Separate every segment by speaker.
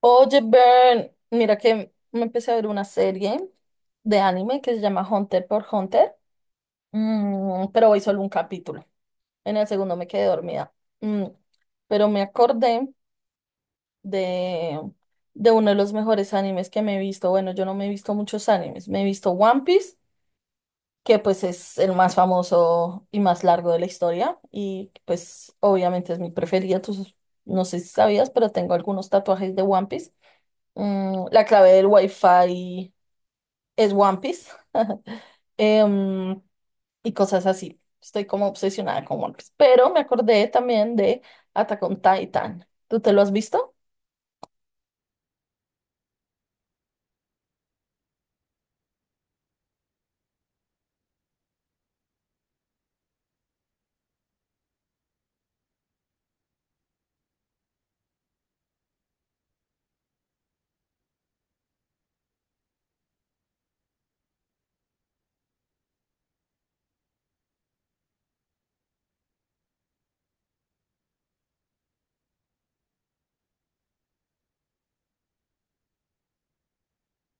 Speaker 1: Oye, Bern, mira que me empecé a ver una serie de anime que se llama Hunter por Hunter, pero hoy solo un capítulo. En el segundo me quedé dormida. Mm, pero me acordé de, de uno de los mejores animes que me he visto. Bueno, yo no me he visto muchos animes. Me he visto One Piece, que pues es el más famoso y más largo de la historia. Y pues obviamente es mi preferida. Tú no sé si sabías, pero tengo algunos tatuajes de One Piece. Mm, la clave del Wi-Fi es One Piece. Em, y cosas así. Estoy como obsesionada con One Piece. Pero me acordé también de Attack on Titan. ¿Tú te lo has visto?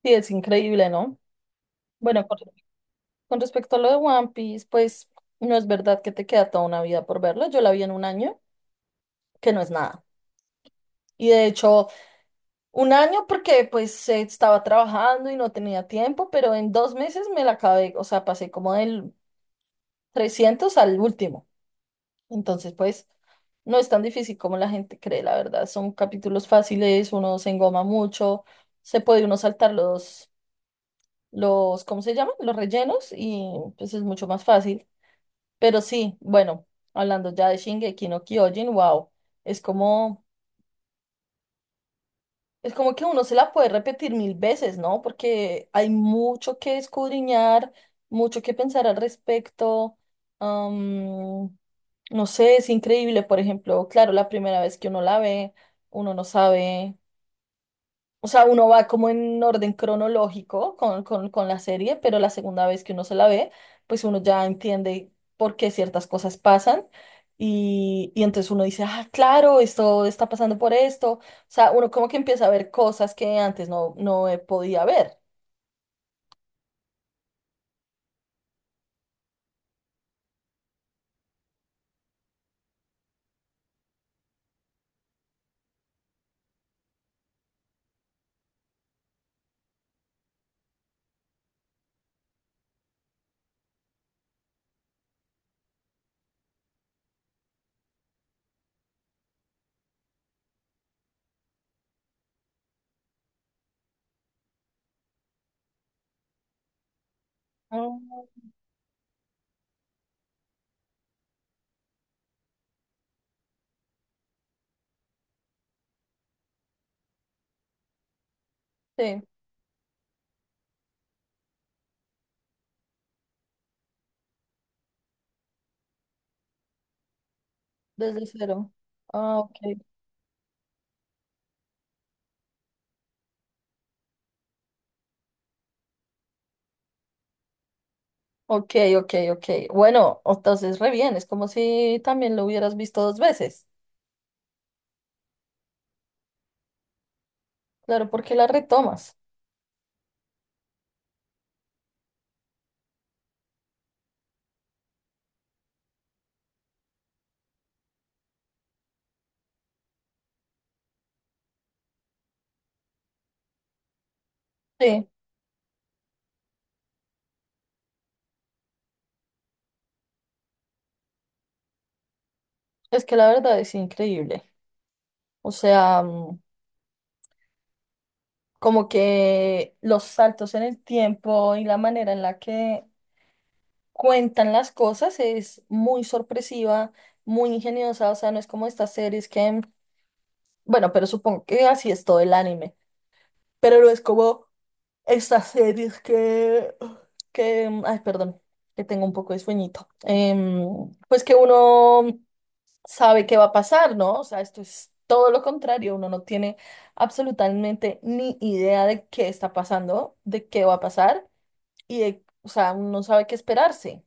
Speaker 1: Sí, es increíble, ¿no? Bueno, con respecto a lo de One Piece, pues no es verdad que te queda toda una vida por verlo. Yo la vi en un año, que no es nada. Y de hecho, un año porque pues estaba trabajando y no tenía tiempo, pero en dos meses me la acabé, o sea, pasé como del 300 al último. Entonces, pues no es tan difícil como la gente cree, la verdad. Son capítulos fáciles, uno se engoma mucho, se puede uno saltar los, ¿cómo se llaman? Los rellenos y pues es mucho más fácil. Pero sí, bueno, hablando ya de Shingeki no Kyojin, wow, es como... Es como que uno se la puede repetir 1000 veces, ¿no? Porque hay mucho que escudriñar, mucho que pensar al respecto. am, no sé, es increíble, por ejemplo, claro, la primera vez que uno la ve, uno no sabe. O sea, uno va como en orden cronológico con la serie, pero la segunda vez que uno se la ve, pues uno ya entiende por qué ciertas cosas pasan. Y entonces uno dice, ah, claro, esto está pasando por esto. O sea, uno como que empieza a ver cosas que antes no podía ver. Ah, sí, desde cero. Ah, ok. Ok, ok, ok. Bueno, entonces re bien, es como si también lo hubieras visto dos veces. Claro, porque la retomas. Sí, es que la verdad es increíble. O sea, como que los saltos en el tiempo y la manera en la que cuentan las cosas es muy sorpresiva, muy ingeniosa. O sea, no es como estas series que, bueno, pero supongo que así es todo el anime. Pero no es como estas series que, ay, perdón, que tengo un poco de sueñito. Pues que uno sabe qué va a pasar, ¿no? O sea, esto es todo lo contrario, uno no tiene absolutamente ni idea de qué está pasando, de qué va a pasar y de, o sea, uno no sabe qué esperarse.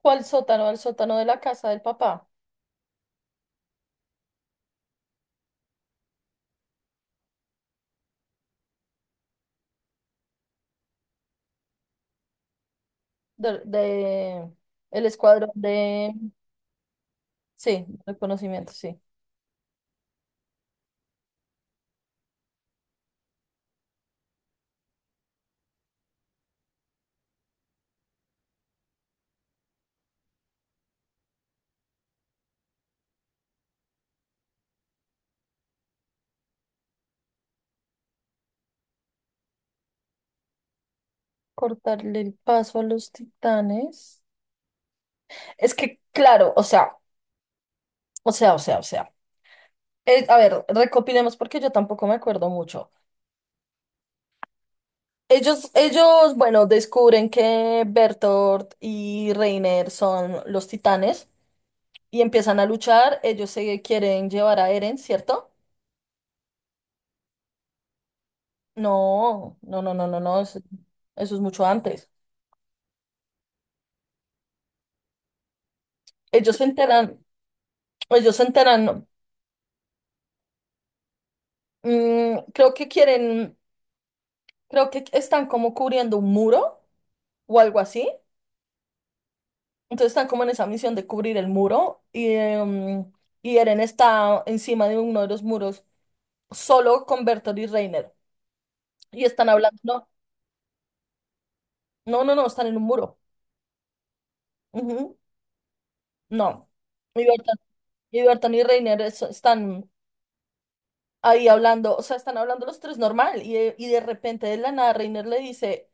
Speaker 1: ¿Cuál sótano? Al sótano de la casa del papá, de, de- el escuadrón de, sí, reconocimiento, sí. Cortarle el paso a los titanes. Es que, claro, o sea. A ver, recopilemos porque yo tampoco me acuerdo mucho. Ellos, bueno, descubren que Bertolt y Reiner son los titanes y empiezan a luchar. Ellos se quieren llevar a Eren, ¿cierto? No. Eso, eso es mucho antes. Ellos se enteran, ellos se enteran. Creo que quieren, creo que están como cubriendo un muro o algo así. Entonces están como en esa misión de cubrir el muro y Eren está encima de uno de los muros solo con Bertolt y Reiner. Y están hablando, no, no, están en un muro. Ujú, no. Y Bertolt Bertolt y Reiner están ahí hablando, o sea, están hablando los tres normal y de repente de la nada Reiner le dice,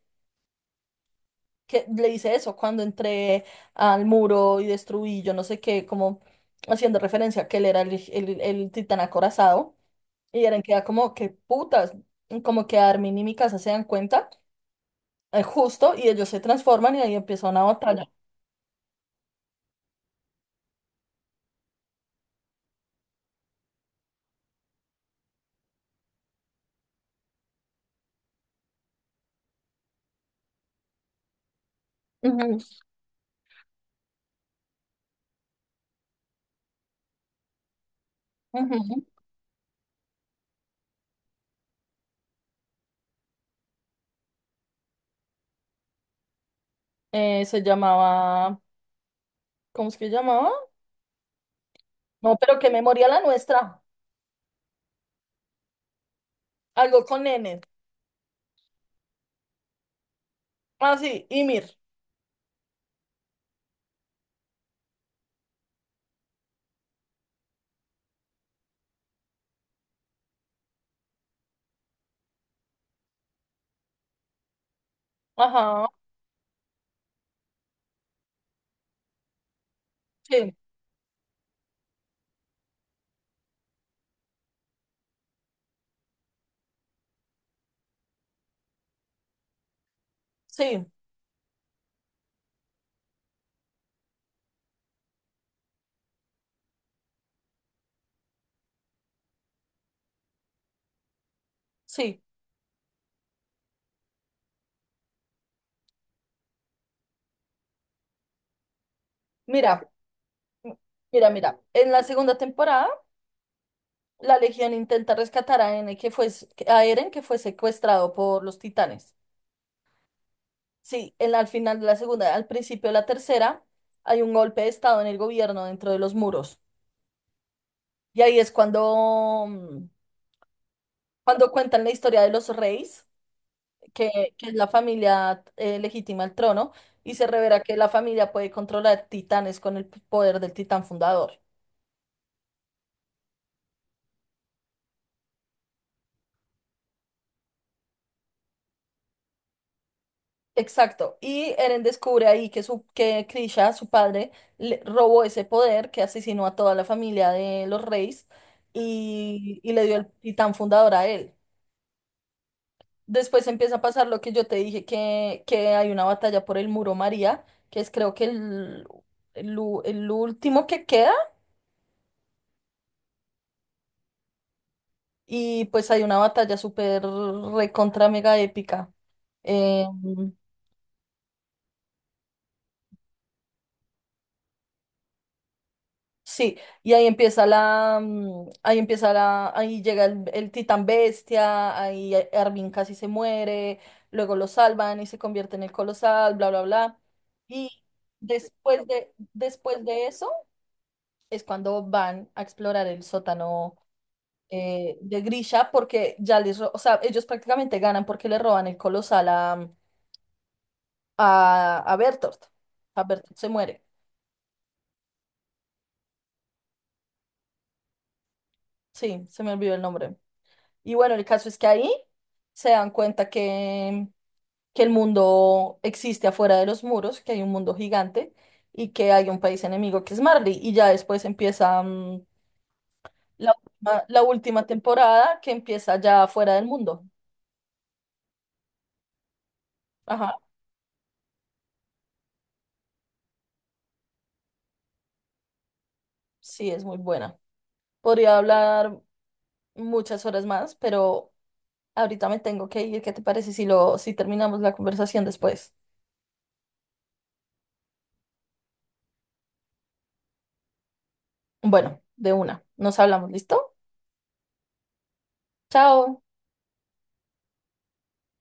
Speaker 1: que, le dice eso, cuando entré al muro y destruí, yo no sé qué, como haciendo referencia a que él era el el titán acorazado. Y Eren queda como, que putas, como que Armin y Mikasa se dan cuenta, justo, y ellos se transforman y ahí empieza una batalla. Ujú, ujú. Se llamaba, ¿cómo es que llamaba? No, pero qué memoria la nuestra. Algo con N. Ah, sí, Ymir. Ajá, sí, sí, sí. Mira, m- mira, mira. En la segunda temporada, la Legión intenta rescatar a N, que fue, a Eren, que fue secuestrado por los titanes. Sí, en al final de la segunda, al principio de la tercera, hay un golpe de estado en el gobierno dentro de los muros. Y ahí es cuando, cuando cuentan la historia de los reyes, que, que es la familia legítima al trono, y se revela que la familia puede controlar titanes con el poder del titán fundador. Exacto. Y Eren descubre ahí que, su, que Krisha, su padre, le robó ese poder, que asesinó a toda la familia de los reyes y le dio el titán fundador a él. Después empieza a pasar lo que yo te dije, que hay una batalla por el muro María, que es creo que el, u- el último que queda, y pues hay una batalla súper recontra mega épica. Eh, sí, y ahí empieza la, mm, ahí empieza la, ahí llega el titán bestia, ahí Armin casi se muere, luego lo salvan y se convierte en el colosal, bla, bla, bla. Y después de eso... es cuando van a explorar el sótano de Grisha, porque ya les, o sea, ellos prácticamente ganan porque le roban el colosal a Bertolt. A Bertolt se muere. Sí, se me olvidó el nombre. Y bueno, el caso es que ahí se dan cuenta que el mundo existe afuera de los muros, que hay un mundo gigante y que hay un país enemigo que es Marley. Y ya después empieza la última temporada que empieza ya afuera del mundo. Ajá. Sí, es muy buena. Podría hablar muchas horas más, pero ahorita me tengo que ir. ¿Qué te parece si lo, si terminamos la conversación después? Bueno, de una. Nos hablamos, ¿listo? Chao.